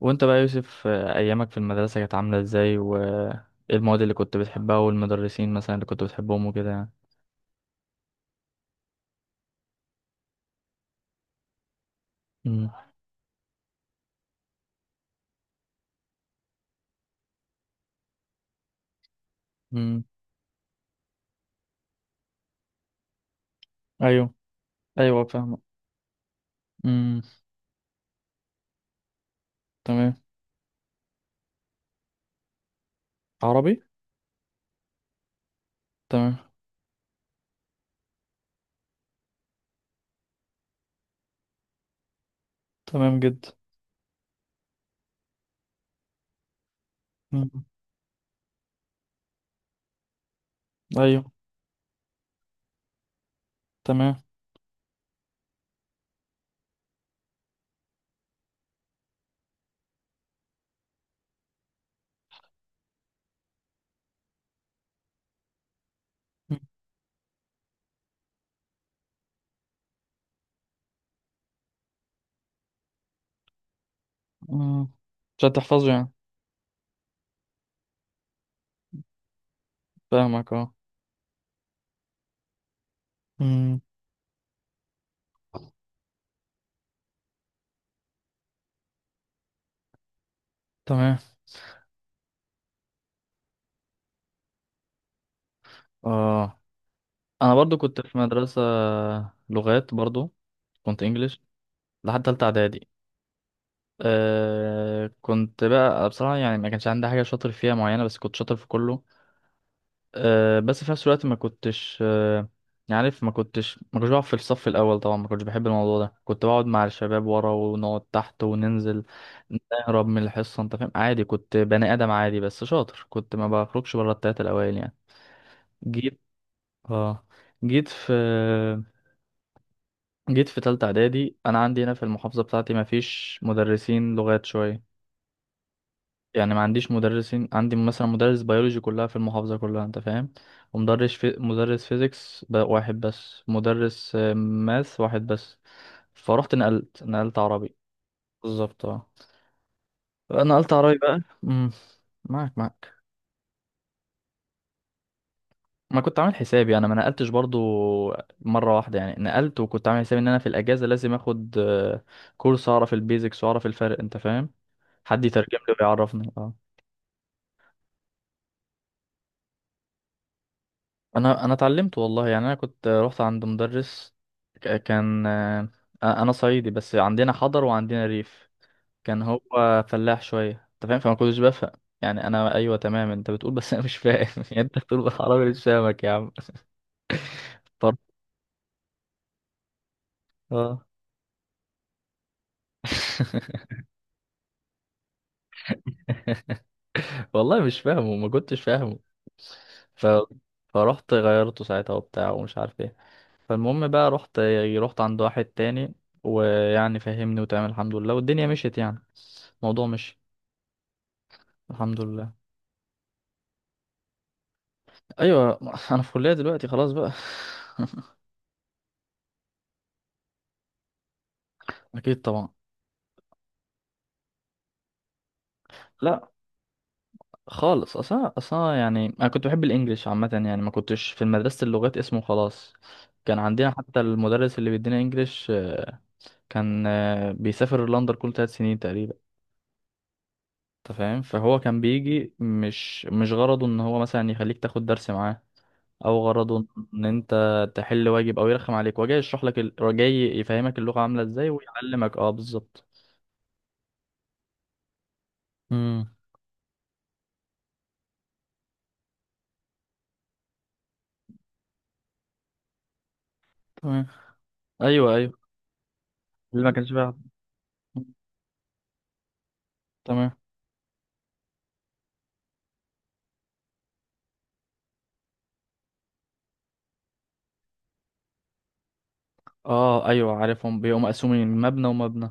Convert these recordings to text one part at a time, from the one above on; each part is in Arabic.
وانت بقى يا يوسف، ايامك في المدرسة كانت عاملة ازاي وايه المواد اللي كنت بتحبها والمدرسين مثلا اللي كنت بتحبهم وكده يعني؟ امم. امم. ايوه، ايوه، فاهمة. امم. تمام. عربي. تمام. تمام جدا. امم. ايوه. تمام. امم. مش هتحفظه يعني؟ فاهمك، اه. امم. تمام. اه. انا برضو كنت في مدرسة لغات برضو، كنت انجليش لحد تالتة اعدادي. كنت بقى بصراحة، يعني ما كانش عندي حاجة شاطر فيها معينة بس كنت شاطر في كله. بس في نفس الوقت ما كنتش، يعني عارف، ما كنتش بقعد في الصف الأول طبعا. ما كنتش بحب الموضوع ده، كنت بقعد مع الشباب ورا ونقعد تحت وننزل نهرب من الحصة، انت فاهم. عادي، كنت بني آدم عادي بس شاطر، كنت ما بخرجش بره التلاتة الأوائل يعني. جيت اه جيت في جيت في تالتة إعدادي. أنا عندي هنا في المحافظة بتاعتي ما فيش مدرسين لغات شوية يعني. ما عنديش مدرسين. عندي مثلا مدرس بيولوجي كلها في المحافظة كلها، انت فاهم. ومدرس مدرس فيزيكس واحد بس، مدرس ماث واحد بس. فروحت، نقلت عربي. بالظبط، اه. نقلت عربي بقى. امم. معاك. ما كنت عامل حسابي، انا ما نقلتش برضو مرة واحدة يعني، نقلت. وكنت عامل حسابي ان انا في الاجازة لازم اخد كورس، اعرف البيزكس واعرف الفرق انت فاهم. حد يترجم لي ويعرفني، اه. انا اتعلمت والله، يعني انا كنت رحت عند مدرس، كان. انا صعيدي بس عندنا حضر وعندنا ريف. كان هو فلاح شويه انت فاهم، فما كنتش بفهم يعني. انا ايوه، تمام، انت بتقول بس انا مش فاهم يعني انت بتقول بالعربي، مش فاهمك يا عم. طر- اه. والله مش فاهمه، ما كنتش فاهمه. ف... فرحت غيرته ساعتها وبتاع ومش عارف ايه. فالمهم بقى رحت عند واحد تاني، ويعني فهمني وتمام الحمد لله، والدنيا مشيت يعني. الموضوع مش. الحمد لله. ايوه. انا في كليه دلوقتي خلاص بقى. اكيد طبعا. لا خالص، اصلا اصلا يعني انا كنت بحب الانجليش عامه، يعني ما كنتش في مدرسه اللغات اسمه خلاص. كان عندنا حتى المدرس اللي بيدينا انجليش، كان بيسافر لندن كل 3 سنين تقريبا انت فاهم. فهو كان بيجي مش غرضه ان هو مثلا يخليك تاخد درس معاه، او غرضه ان انت تحل واجب او يرخم عليك. هو جاي يشرح لك هو جاي يفهمك اللغه عامله ازاي ويعلمك، اه بالظبط. امم. تمام. ايوه، ايوه، اللي ما كانش فيها حد. تمام. اه، ايوه، عارفهم بيقوموا مقسومين مبنى ومبنى.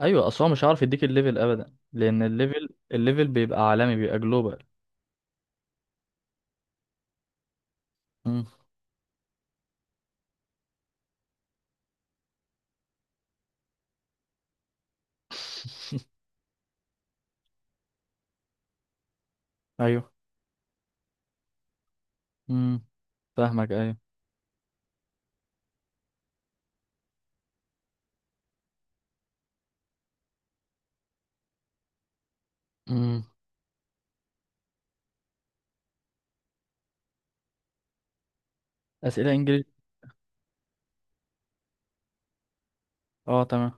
ايوه، اصلا مش هعرف يديك الليفل ابدا، لان الليفل بيبقى عالمي، بيبقى جلوبال. مم. ايوه. امم. فاهمك، ايوه. مم. اسئله انجليزي. اه تمام.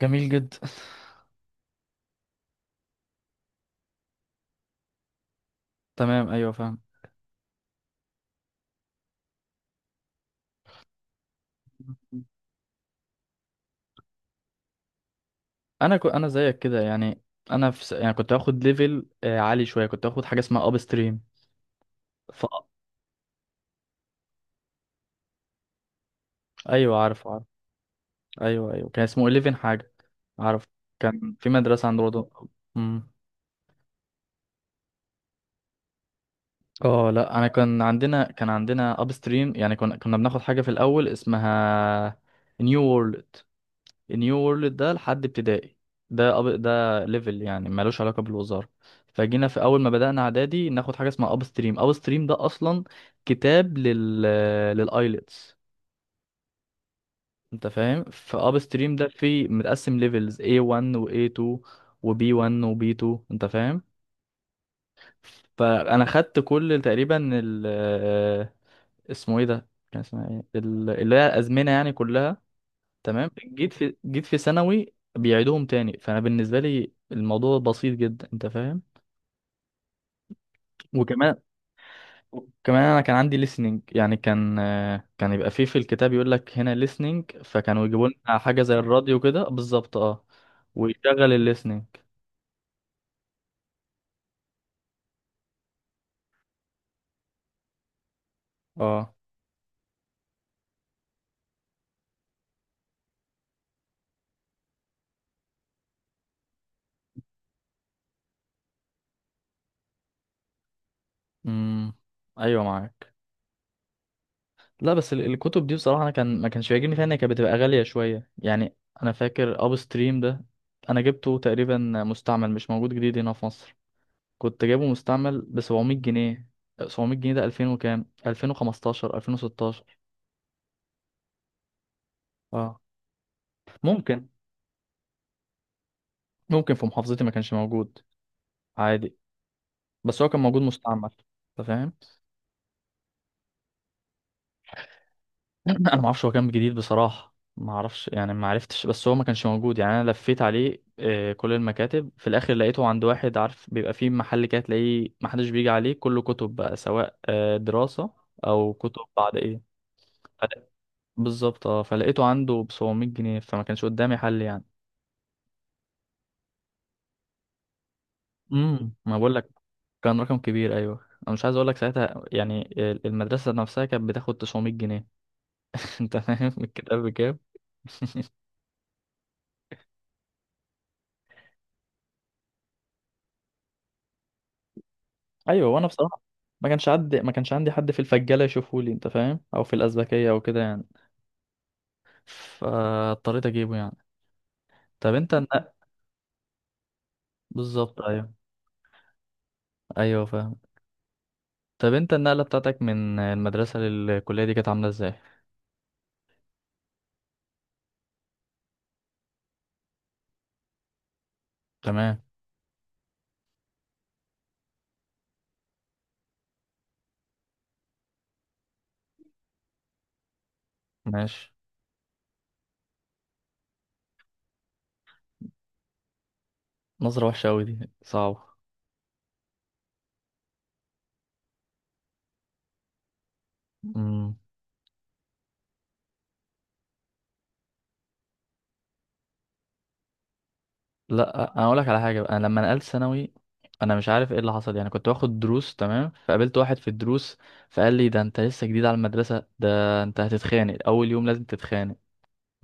جميل جدا. تمام، ايوه فاهم. انا زيك كده يعني. يعني كنت هاخد ليفل عالي شويه، كنت هاخد حاجه اسمها اب ستريم. ف... ايوه عارف. ايوه، ايوه، كان اسمه 11 حاجه، اعرف. كان في مدرسه عند برضه. امم. اه، لا انا كان عندنا اب ستريم يعني، كنا بناخد حاجه في الاول اسمها نيو وورلد. نيو وورلد ده لحد ابتدائي. ده ده ليفل يعني ملوش علاقه بالوزاره. فجينا في اول ما بدانا اعدادي ناخد حاجه اسمها اب ستريم. اب ستريم ده اصلا كتاب للايلتس انت فاهم. فاب ستريم ده فيه متقسم ليفلز A1 و A2، وبي 1 وبي 2، انت فاهم. فانا خدت كل تقريبا ال آه، اسمه ايه ده، كان اسمها ايه اللي هي الازمنه يعني كلها. تمام. جيت في ثانوي بيعيدوهم تاني، فانا بالنسبه لي الموضوع بسيط جدا انت فاهم. وكمان، انا كان عندي listening يعني، كان يبقى فيه في الكتاب يقول لك هنا listening، فكانوا يجيبوا لنا حاجه زي الراديو كده بالظبط، اه. ويشغل الليسننج، اه. امم. ايوه، معاك. لا بس الكتب دي بصراحة أنا كان ما كانش بيعجبني فيها إن هي كانت بتبقى غالية شوية يعني. أنا فاكر أب ستريم ده، أنا جبته تقريبا مستعمل، مش موجود جديد هنا في مصر. كنت جايبه مستعمل ب 700 جنيه. 700 جنيه ده 2000 وكام، 2015، 2016. اه ممكن. ممكن في محافظتي ما كانش موجود عادي، بس هو كان موجود مستعمل. أنت فاهم. انا ما اعرفش، هو كان جديد بصراحه ما اعرفش يعني، ما عرفتش. بس هو ما كانش موجود يعني. انا لفيت عليه كل المكاتب. في الاخر لقيته عند واحد، عارف بيبقى فيه محل كده تلاقيه ما حدش بيجي عليه، كله كتب بقى سواء دراسه او كتب بعد ايه. فلا- بالظبط، اه، فلقيته عنده ب 700 جنيه، فما كانش قدامي حل يعني. امم، ما بقول لك، كان رقم كبير، ايوه. انا مش عايز اقول لك ساعتها يعني، المدرسه نفسها كانت بتاخد 900 جنيه. انت فاهم الكتاب بكام. ايوه، وانا بصراحه ما كانش عندي حد في الفجاله يشوفه لي انت فاهم، او في الازبكيه او كده يعني، فاضطريت اجيبه يعني. طب انت النقل. بالظبط، ايوه، ايوه فاهم. طب انت النقله بتاعتك من المدرسه للكليه دي كانت عامله ازاي؟ تمام. ماشي. نظره وحشه قوي دي صعبه. امم. لا انا اقول لك على حاجه بقى. انا لما نقلت ثانوي انا مش عارف ايه اللي حصل يعني، كنت باخد دروس تمام، فقابلت واحد في الدروس فقال لي ده انت لسه جديد على المدرسه ده، انت هتتخانق اول يوم لازم تتخانق،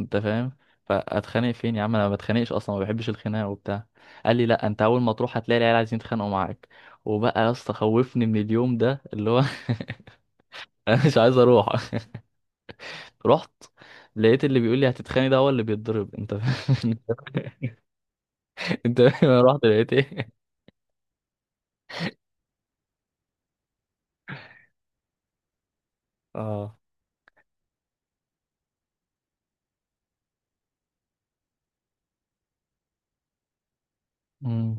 انت فاهم. فاتخانق فين يا عم، انا ما بتخانقش اصلا، ما بحبش الخناقه وبتاع. قال لي لا، انت اول ما تروح هتلاقي العيال عايزين يتخانقوا معاك. وبقى يا اسطى خوفني من اليوم ده اللي هو، انا مش عايز اروح. رحت لقيت اللي بيقول لي هتتخانق ده هو اللي بيتضرب، انت فاهم. انت فاهم انا رحت لقيت ايه. اه. مم.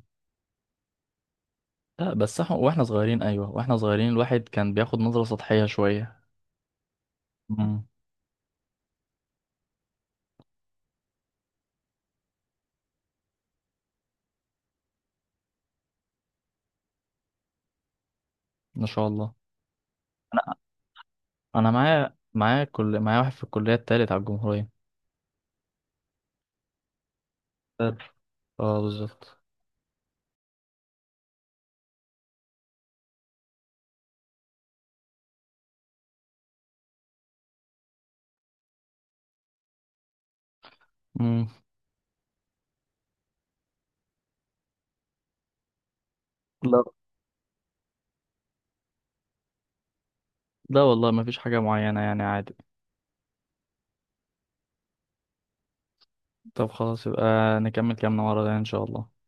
لا بس احنا، واحنا صغيرين، ايوه، واحنا صغيرين الواحد كان بياخد نظره سطحيه شويه. مم. ما شاء الله. انا انا معايا معايا كل معايا واحد في الكليه التالت على الجمهوريه. طب. اه بالظبط. مم. لا، لا والله ما فيش حاجة معينة يعني عادي. طب خلاص يبقى نكمل كلامنا مرة تانية إن شاء الله.